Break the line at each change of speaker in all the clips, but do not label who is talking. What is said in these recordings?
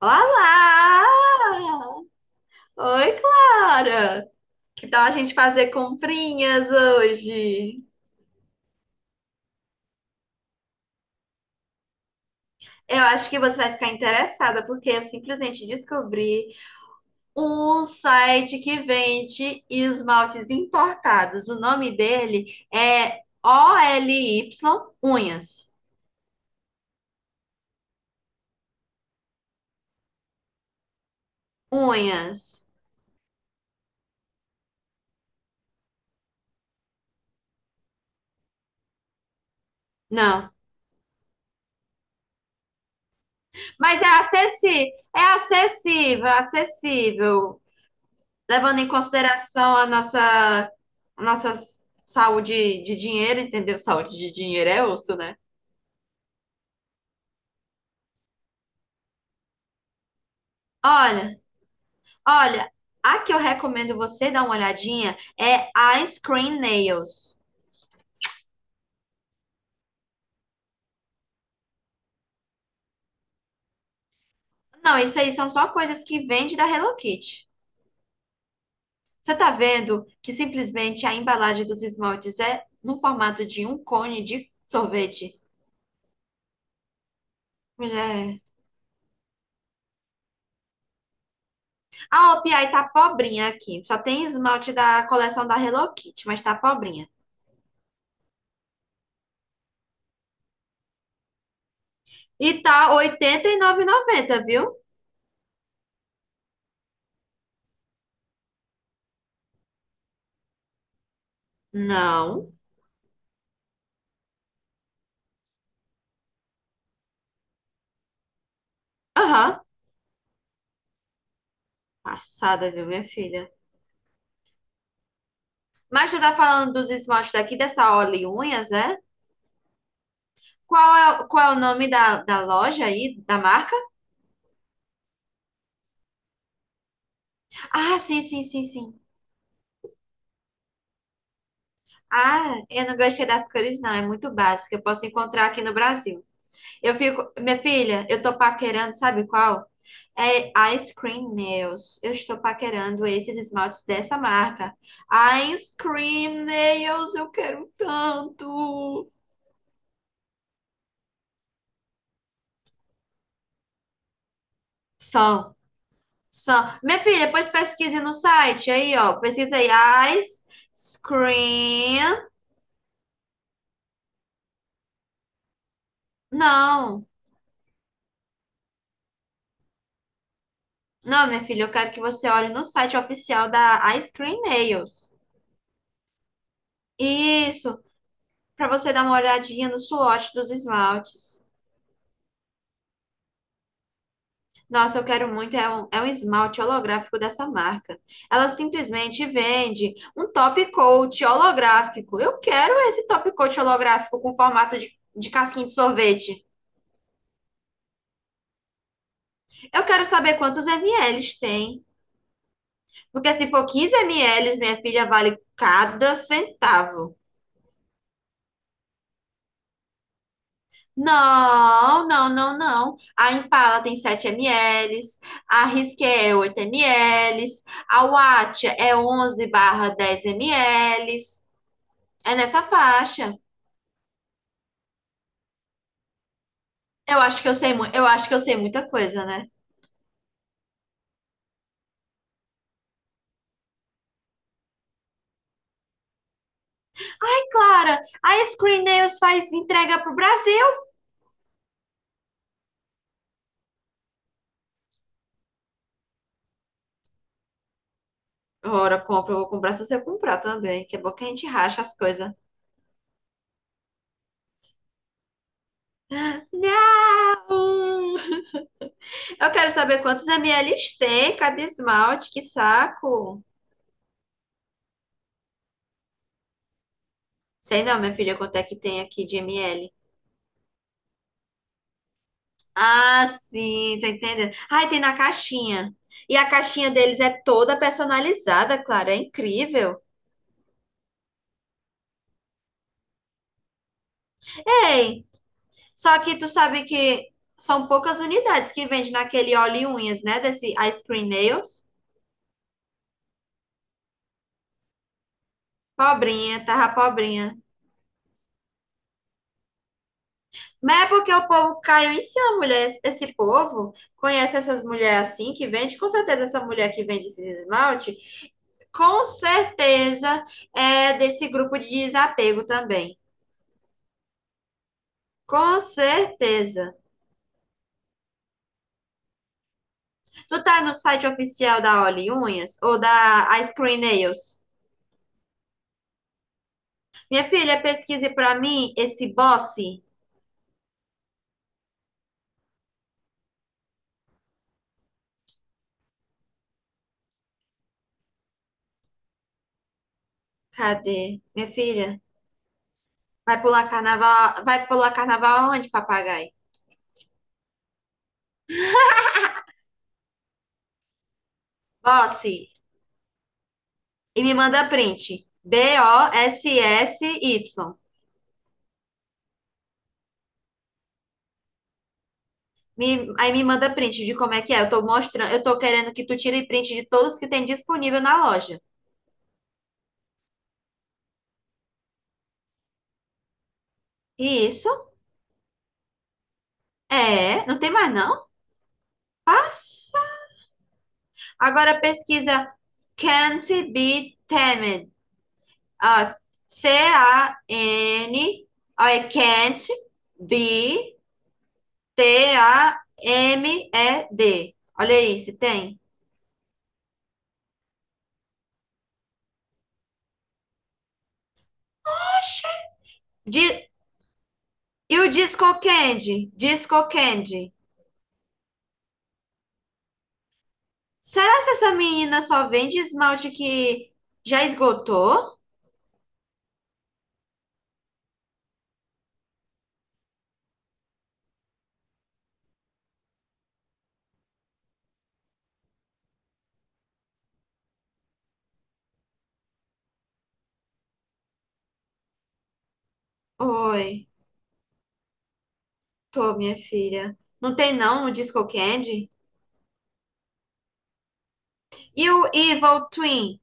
Olá! Oi, Clara! Que tal a gente fazer comprinhas hoje? Eu acho que você vai ficar interessada, porque eu simplesmente descobri um site que vende esmaltes importados. O nome dele é O L Y Unhas. Unhas. Não. Mas é acessível, acessível. Levando em consideração a nossa saúde de dinheiro, entendeu? Saúde de dinheiro é osso, né? Olha, olha, a que eu recomendo você dar uma olhadinha é a Screen Nails. Não, isso aí são só coisas que vende da Hello Kitty. Você tá vendo que simplesmente a embalagem dos esmaltes é no formato de um cone de sorvete? Mulher. A OPI tá pobrinha aqui. Só tem esmalte da coleção da Hello Kitty, mas tá pobrinha. E tá 89,90, viu? Não. Aham. Passada, viu, minha filha? Mas tu tá falando dos esmaltes daqui, dessa Olé Unhas, é? Qual é o nome da loja aí, da marca? Ah, sim, sim, sim, sim. Ah, eu não gostei das cores, não. É muito básica. Eu posso encontrar aqui no Brasil. Eu fico, minha filha, eu tô paquerando, sabe qual? É Ice Cream Nails. Eu estou paquerando esses esmaltes dessa marca. Ice Cream Nails, eu quero tanto. São, são. Minha filha, depois pesquise no site aí, ó. Pesquisa aí Ice Cream. Não, não, minha filha, eu quero que você olhe no site oficial da Ice Cream Nails. Isso, para você dar uma olhadinha no swatch dos esmaltes. Nossa, eu quero muito, é um esmalte holográfico dessa marca. Ela simplesmente vende um top coat holográfico. Eu quero esse top coat holográfico com formato de casquinha de sorvete. Eu quero saber quantos ml tem. Porque se for 15 ml, minha filha, vale cada centavo. Não, não, não, não. A Impala tem 7 ml, a Risqué é 8 ml, a Wattia é 11 barra 10 ml. É nessa faixa. Eu acho que eu sei muita coisa, né? E Clara, a Screen Nails faz entrega pro Brasil. Ora, compra, eu vou comprar se você comprar também, que é bom que a gente racha as coisas. Não! Eu quero saber quantos ml tem cada esmalte, que saco. Sei não, minha filha, quanto é que tem aqui de ml. Ah, sim, tô entendendo. Ai, tem na caixinha. E a caixinha deles é toda personalizada, Clara, é incrível. Ei! Só que tu sabe que são poucas unidades que vende naquele óleo e unhas, né? Desse Ice Cream Nails. Pobrinha, tava pobrinha. Mas é porque o povo caiu em cima, mulher. Esse povo conhece essas mulheres assim que vende. Com certeza, essa mulher que vende esses esmalte, com certeza é desse grupo de desapego também. Com certeza. Tu tá no site oficial da Oli Unhas ou da Ice Cream Nails? Minha filha, pesquise pra mim esse Boss. Cadê? Minha filha, vai pular carnaval aonde, papagaio? Bosse, e me manda print. B-O-S-S-Y. Aí me manda print de como é que é. Eu tô mostrando, eu tô querendo que tu tire print de todos que tem disponível na loja. E isso? É, não tem mais não? Nossa. Agora pesquisa Can't be tamed. Ó, C-A-N, ó, é can't be T-A-M-E-D. Olha aí, se tem. De E o Disco Candy? Disco Candy. Será que essa menina só vende esmalte que já esgotou? Oi, tô, minha filha. Não tem não o Disco Candy? E o Evil Twin?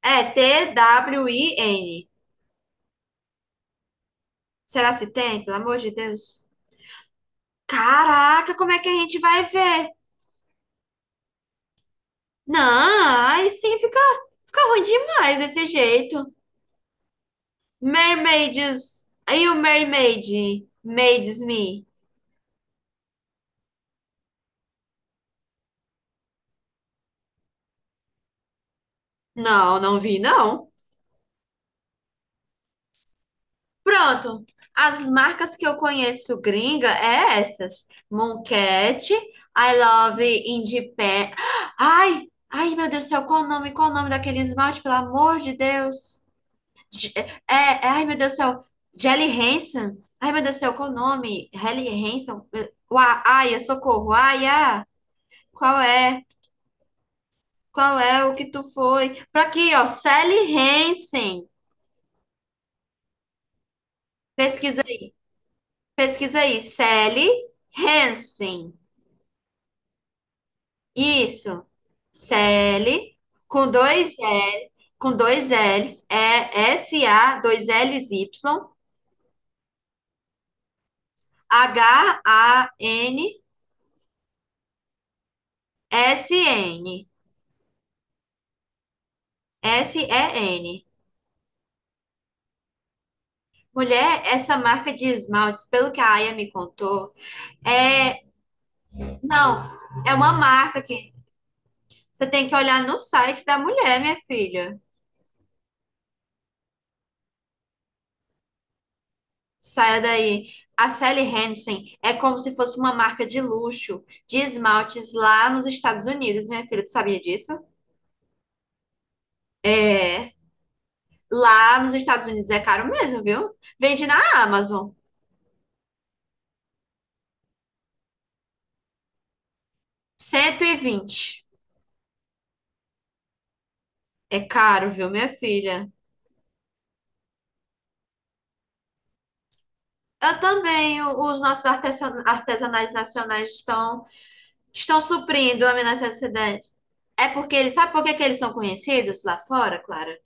É T-W-I-N. Será se tem? Pelo amor de Deus. Caraca, como é que a gente vai ver? Não, aí sim fica ruim demais desse jeito. Mermaids. Aí o Mermaid. Maids Me. Não, não vi, não. Pronto. As marcas que eu conheço gringa é essas. Mooncat, I Love Independent. Ai, ai, meu Deus do céu, qual o nome? Qual o nome daquele esmalte, pelo amor de Deus? Je- ai, meu Deus do céu, Jelly Hansen. Ai, meu Deus do céu, qual o nome? Helly Hansen. Ai, socorro. Ai, ah, qual é? Qual é o que tu foi? Pra aqui, ó, Sally Hansen. Pesquisa aí. Pesquisa aí. Sally Hansen. Isso. Sally com dois L, com dois L's, é S A, dois L's Y, H A N S N. S E N. Mulher, essa marca de esmaltes, pelo que a Aya me contou, é, não, é uma marca que. Você tem que olhar no site da mulher, minha filha. Saia daí. A Sally Hansen é como se fosse uma marca de luxo de esmaltes lá nos Estados Unidos, minha filha. Tu sabia disso? É. Lá nos Estados Unidos é caro mesmo, viu? Vende na Amazon. 120. É caro, viu, minha filha? Eu também, os nossos artesanais nacionais estão, suprindo a minha necessidade. É porque eles, sabe por que que eles são conhecidos lá fora, Clara?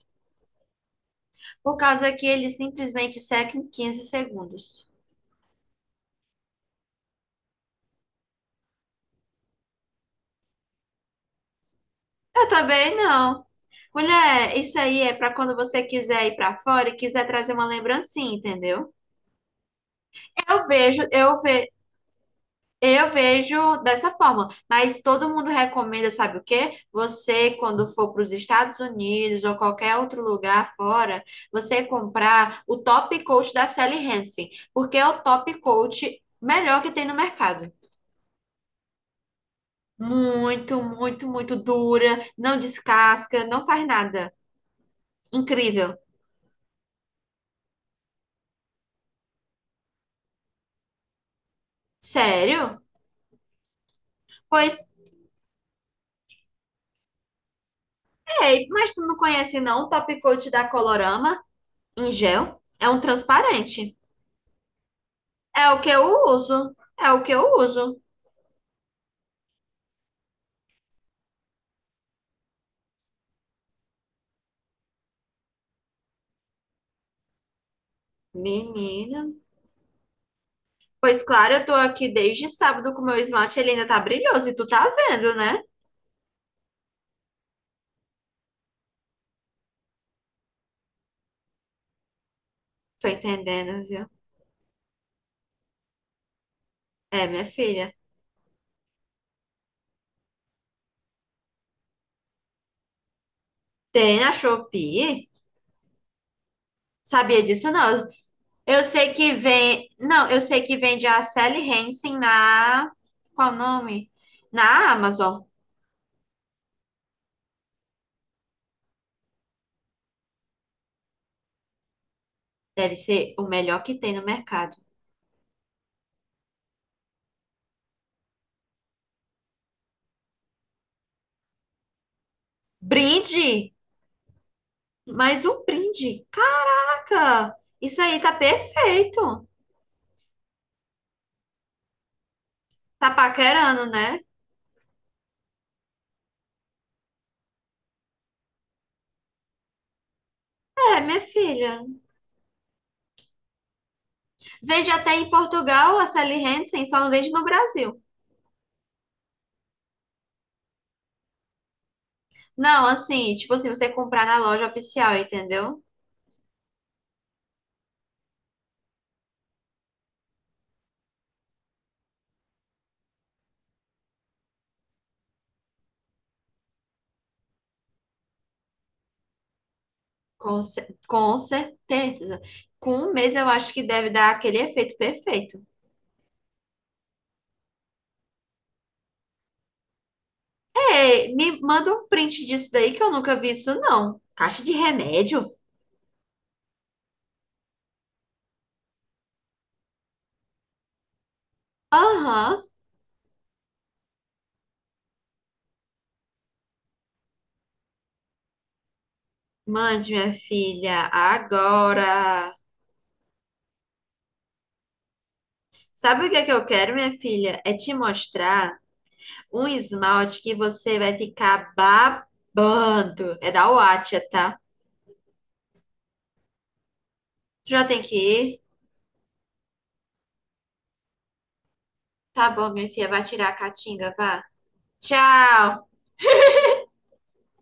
Por causa que ele simplesmente seca em 15 segundos. Eu também não. Mulher, isso aí é para quando você quiser ir para fora e quiser trazer uma lembrancinha, entendeu? Eu vejo, eu ve, eu vejo dessa forma, mas todo mundo recomenda, sabe o quê? Você, quando for para os Estados Unidos ou qualquer outro lugar fora, você comprar o top coat da Sally Hansen, porque é o top coat melhor que tem no mercado. Muito, muito, muito dura, não descasca, não faz nada. Incrível. Sério? Pois, ei, mas tu não conhece não o Top Coat da Colorama em gel? É um transparente. É o que eu uso. É o que eu uso. Menina. Pois claro, eu tô aqui desde sábado com meu esmalte, ele ainda tá brilhoso e tu tá vendo, né? Tô entendendo, viu? É, minha filha. Tem na Shopee? Sabia disso não. Eu sei que vem. Não, eu sei que vende a Sally Hansen na. Qual o nome? Na Amazon. Deve ser o melhor que tem no mercado. Brinde! Mais um brinde! caca, Isso aí tá perfeito! Tá paquerando, né? É, minha filha. Vende até em Portugal a Sally Hansen, só não vende no Brasil. Não, assim, tipo assim, você comprar na loja oficial, entendeu? Com certeza. Com um mês eu acho que deve dar aquele efeito perfeito. Ei, me manda um print disso daí que eu nunca vi isso, não. Caixa de remédio? Aham. Mande, minha filha, agora. Sabe o que é que eu quero, minha filha? É te mostrar um esmalte que você vai ficar babando. É da Wattia, tá? Tu já tem que ir? Tá bom, minha filha, vai tirar a catinga, vá. Tchau!